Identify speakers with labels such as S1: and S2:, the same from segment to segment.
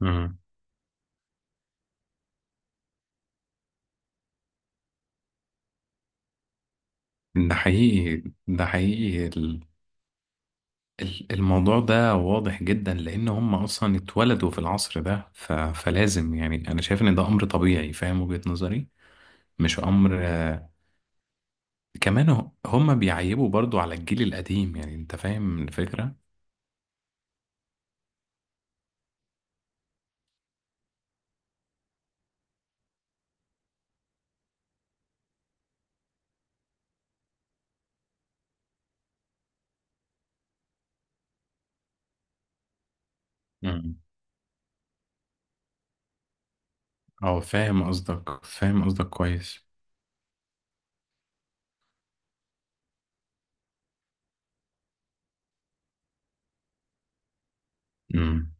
S1: مم. ده حقيقي، ده حقيقي. الموضوع ده واضح جدا لان هم اصلا اتولدوا في العصر ده، فلازم. يعني انا شايف ان ده امر طبيعي. فاهم وجهة نظري؟ مش امر، كمان هم بيعيبوا برضو على الجيل القديم. يعني انت فاهم الفكرة؟ مم. اه، فاهم قصدك، فاهم قصدك كويس. مم.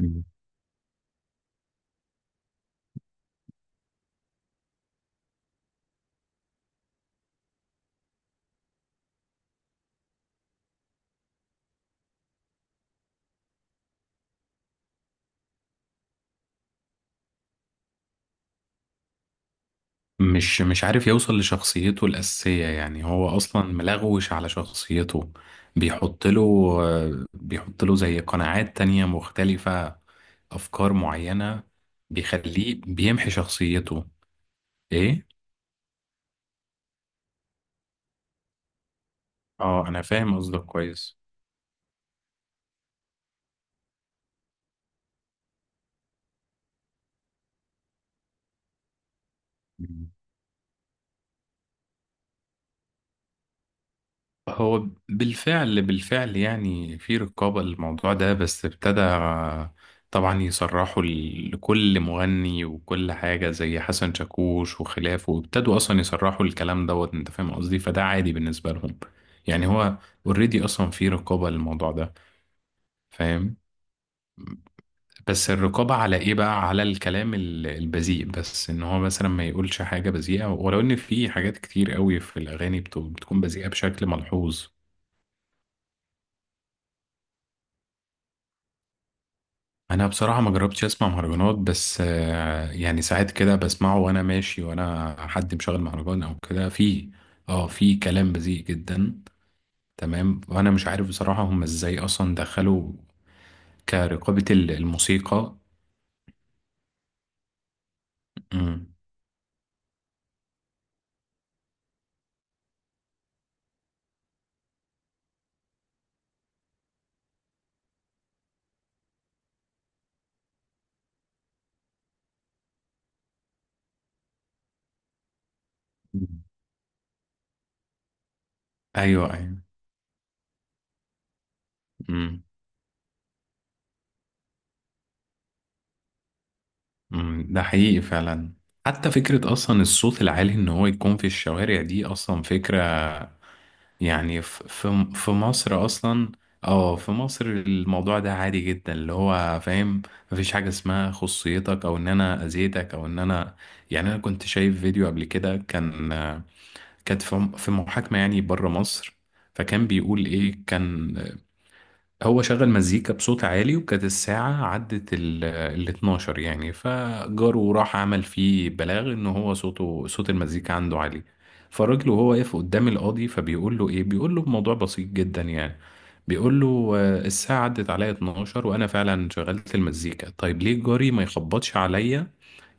S1: مم. مش عارف يوصل لشخصيته الأساسية، يعني هو أصلا ملغوش على شخصيته. بيحط له، بيحط له زي قناعات تانية مختلفة، أفكار معينة. بيخليه بيمحي شخصيته. إيه؟ آه، أنا فاهم قصدك كويس. هو بالفعل بالفعل يعني في رقابة للموضوع ده، بس ابتدى طبعا يصرحوا لكل مغني وكل حاجة، زي حسن شاكوش وخلافه، وابتدوا أصلا يصرحوا الكلام دوت. أنت فاهم قصدي؟ فده عادي بالنسبة لهم، يعني هو اوريدي أصلا في رقابة للموضوع ده، فاهم؟ بس الرقابة على إيه بقى؟ على الكلام البذيء، بس إن هو مثلا ما يقولش حاجة بذيئة، ولو إن في حاجات كتير قوي في الأغاني بتكون بذيئة بشكل ملحوظ. انا بصراحه ما جربتش اسمع مهرجانات، بس يعني ساعات كده بسمعه وانا ماشي وانا حد مشغل مهرجان او كده في. اه، في كلام بذيء جدا. تمام، وانا مش عارف بصراحه هم ازاي اصلا دخلوا كرقابه الموسيقى. امم. ايوه، ايوه. امم. أمم، ده حقيقي فعلا. حتى فكره اصلا الصوت العالي ان هو يكون في الشوارع دي اصلا فكره. يعني في مصر اصلا. اه، في مصر الموضوع ده عادي جدا، اللي هو فاهم. مفيش حاجة اسمها خصيتك، او ان انا اذيتك، او ان انا، يعني انا كنت شايف فيديو قبل كده، كان، كانت في محاكمة يعني بره مصر. فكان بيقول ايه، كان هو شغل مزيكا بصوت عالي، وكانت الساعة عدت ال 12، يعني فجاره راح عمل فيه بلاغ ان هو صوته، صوت المزيكا عنده عالي. فالراجل وهو واقف قدام القاضي فبيقول له ايه، بيقول له الموضوع بسيط جدا يعني. بيقول له الساعة عدت عليا 12، وانا فعلا شغلت المزيكا، طيب ليه جاري ما يخبطش عليا؟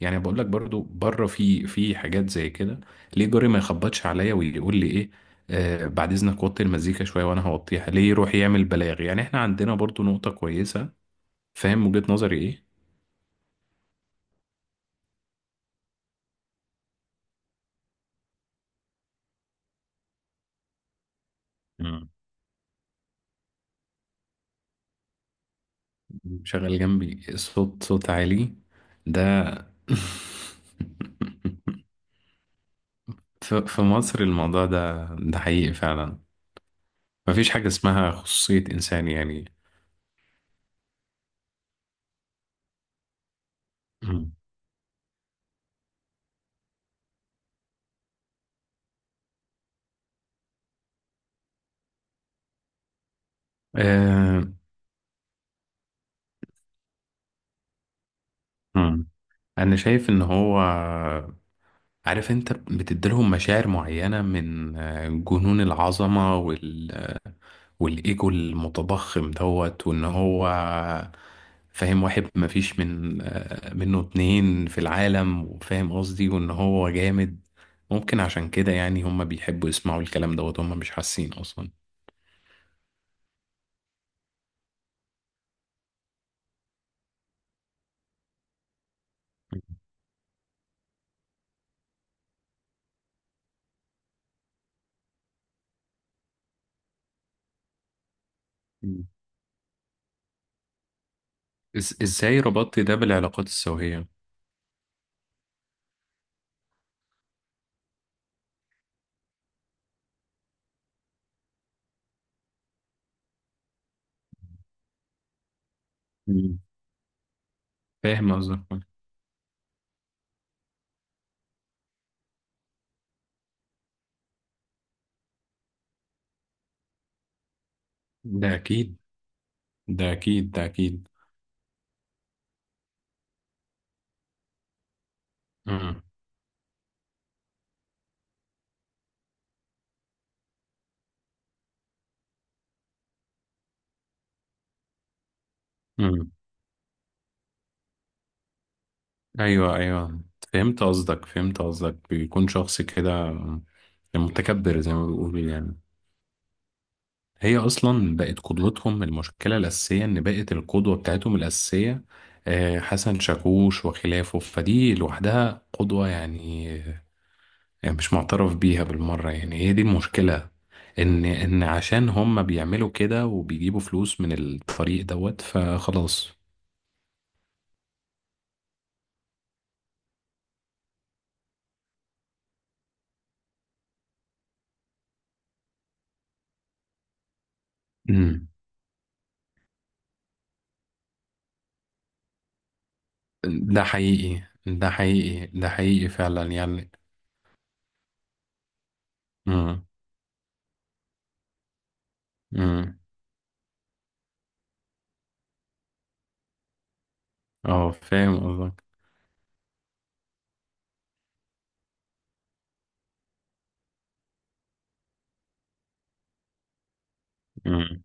S1: يعني بقول لك برضو بره في حاجات زي كده. ليه جاري ما يخبطش عليا ويقول لي ايه؟ آه، بعد اذنك وطي المزيكا شويه وانا هوطيها. ليه يروح يعمل بلاغ؟ يعني احنا عندنا برضو نقطه كويسه. فاهم وجهه نظري ايه؟ مم. شغال جنبي، صوت عالي. ده في مصر الموضوع ده، ده حقيقي فعلا. مفيش حاجه اسمها خصوصيه انسان يعني. مم. آه. مم. انا شايف ان هو، عارف، انت بتديلهم مشاعر معينة من جنون العظمة، والإيجو المتضخم دوت، وإن هو فاهم، واحد مفيش من آه، منه اتنين في العالم، وفاهم قصدي، وإن هو جامد. ممكن عشان كده يعني هم بيحبوا يسمعوا الكلام دوت. هم مش حاسين أصلا. مم. إزاي ربطت ده بالعلاقات السوية؟ مم. فاهم قصدك. ده أكيد، ده أكيد، ده أكيد. مم. مم. ايوه، ايوه، فهمت قصدك، فهمت قصدك. بيكون شخص كده متكبر، زي ما بيقولوا يعني. هي اصلا بقت قدوتهم، المشكله الاساسيه ان بقت القدوه بتاعتهم الاساسيه حسن شاكوش وخلافه، فدي لوحدها قدوه يعني. يعني مش معترف بيها بالمره يعني، هي دي المشكله. ان عشان هم بيعملوا كده وبيجيبوا فلوس من الطريق دوت، فخلاص. امم. ده حقيقي، ده حقيقي، ده حقيقي فعلا يعني. امم. امم. اه، فاهم قصدك. امم.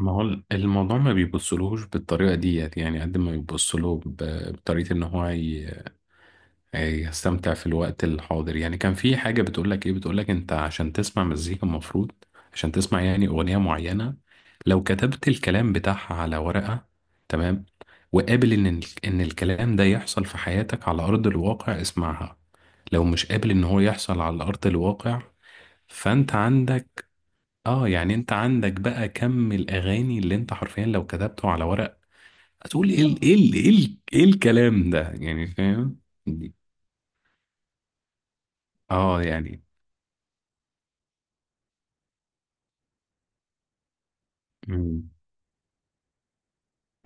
S1: ما هو الموضوع ما بيبصلهوش بالطريقه ديت، يعني قد ما بيبصله بطريقه ان هو يستمتع في الوقت الحاضر. يعني كان في حاجه بتقول لك ايه، بتقول لك انت عشان تسمع مزيكا المفروض، عشان تسمع يعني اغنيه معينه، لو كتبت الكلام بتاعها على ورقه، تمام، وقابل ان ان الكلام ده يحصل في حياتك على ارض الواقع، اسمعها. لو مش قابل ان هو يحصل على ارض الواقع، فانت عندك. اه، يعني انت عندك بقى كم الاغاني اللي انت حرفيا لو كتبته على ورق، هتقول ايه الكلام ده يعني، فاهم؟ دي- اه يعني. مم.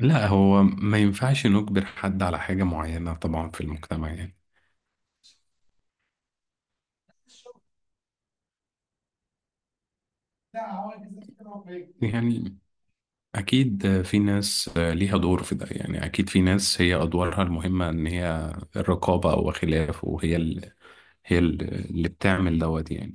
S1: لا، هو ما ينفعش نجبر حد على حاجة معينة طبعا في المجتمع يعني. يعني اكيد في ناس ليها دور في ده، يعني اكيد في ناس هي ادوارها المهمة ان هي الرقابة وخلافه، وهي ال- هي ال- اللي بتعمل دوت يعني.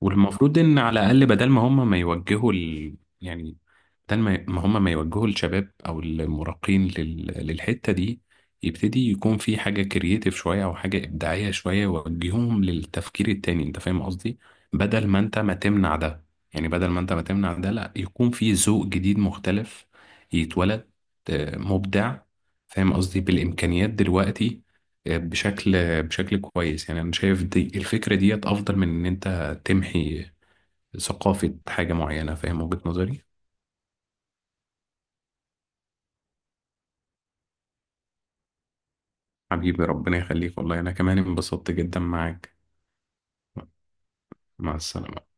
S1: والمفروض ان على الاقل بدل ما هم ما يوجهوا ال... يعني بدل ما هم ما يوجهوا الشباب او المراهقين لل... للحته دي، يبتدي يكون في حاجه كرييتيف شويه او حاجه ابداعيه شويه يوجههم للتفكير التاني. انت فاهم قصدي؟ بدل ما انت ما تمنع ده يعني، بدل ما انت ما تمنع ده، لا يكون في ذوق جديد مختلف يتولد، مبدع. فاهم قصدي؟ بالامكانيات دلوقتي آه، بشكل بشكل كويس. يعني انا شايف دي الفكره ديت افضل من ان انت تمحي ثقافة حاجة معينة. فاهم وجهة نظري؟ حبيبي ربنا يخليك. والله أنا كمان انبسطت جدا معاك. مع السلامة.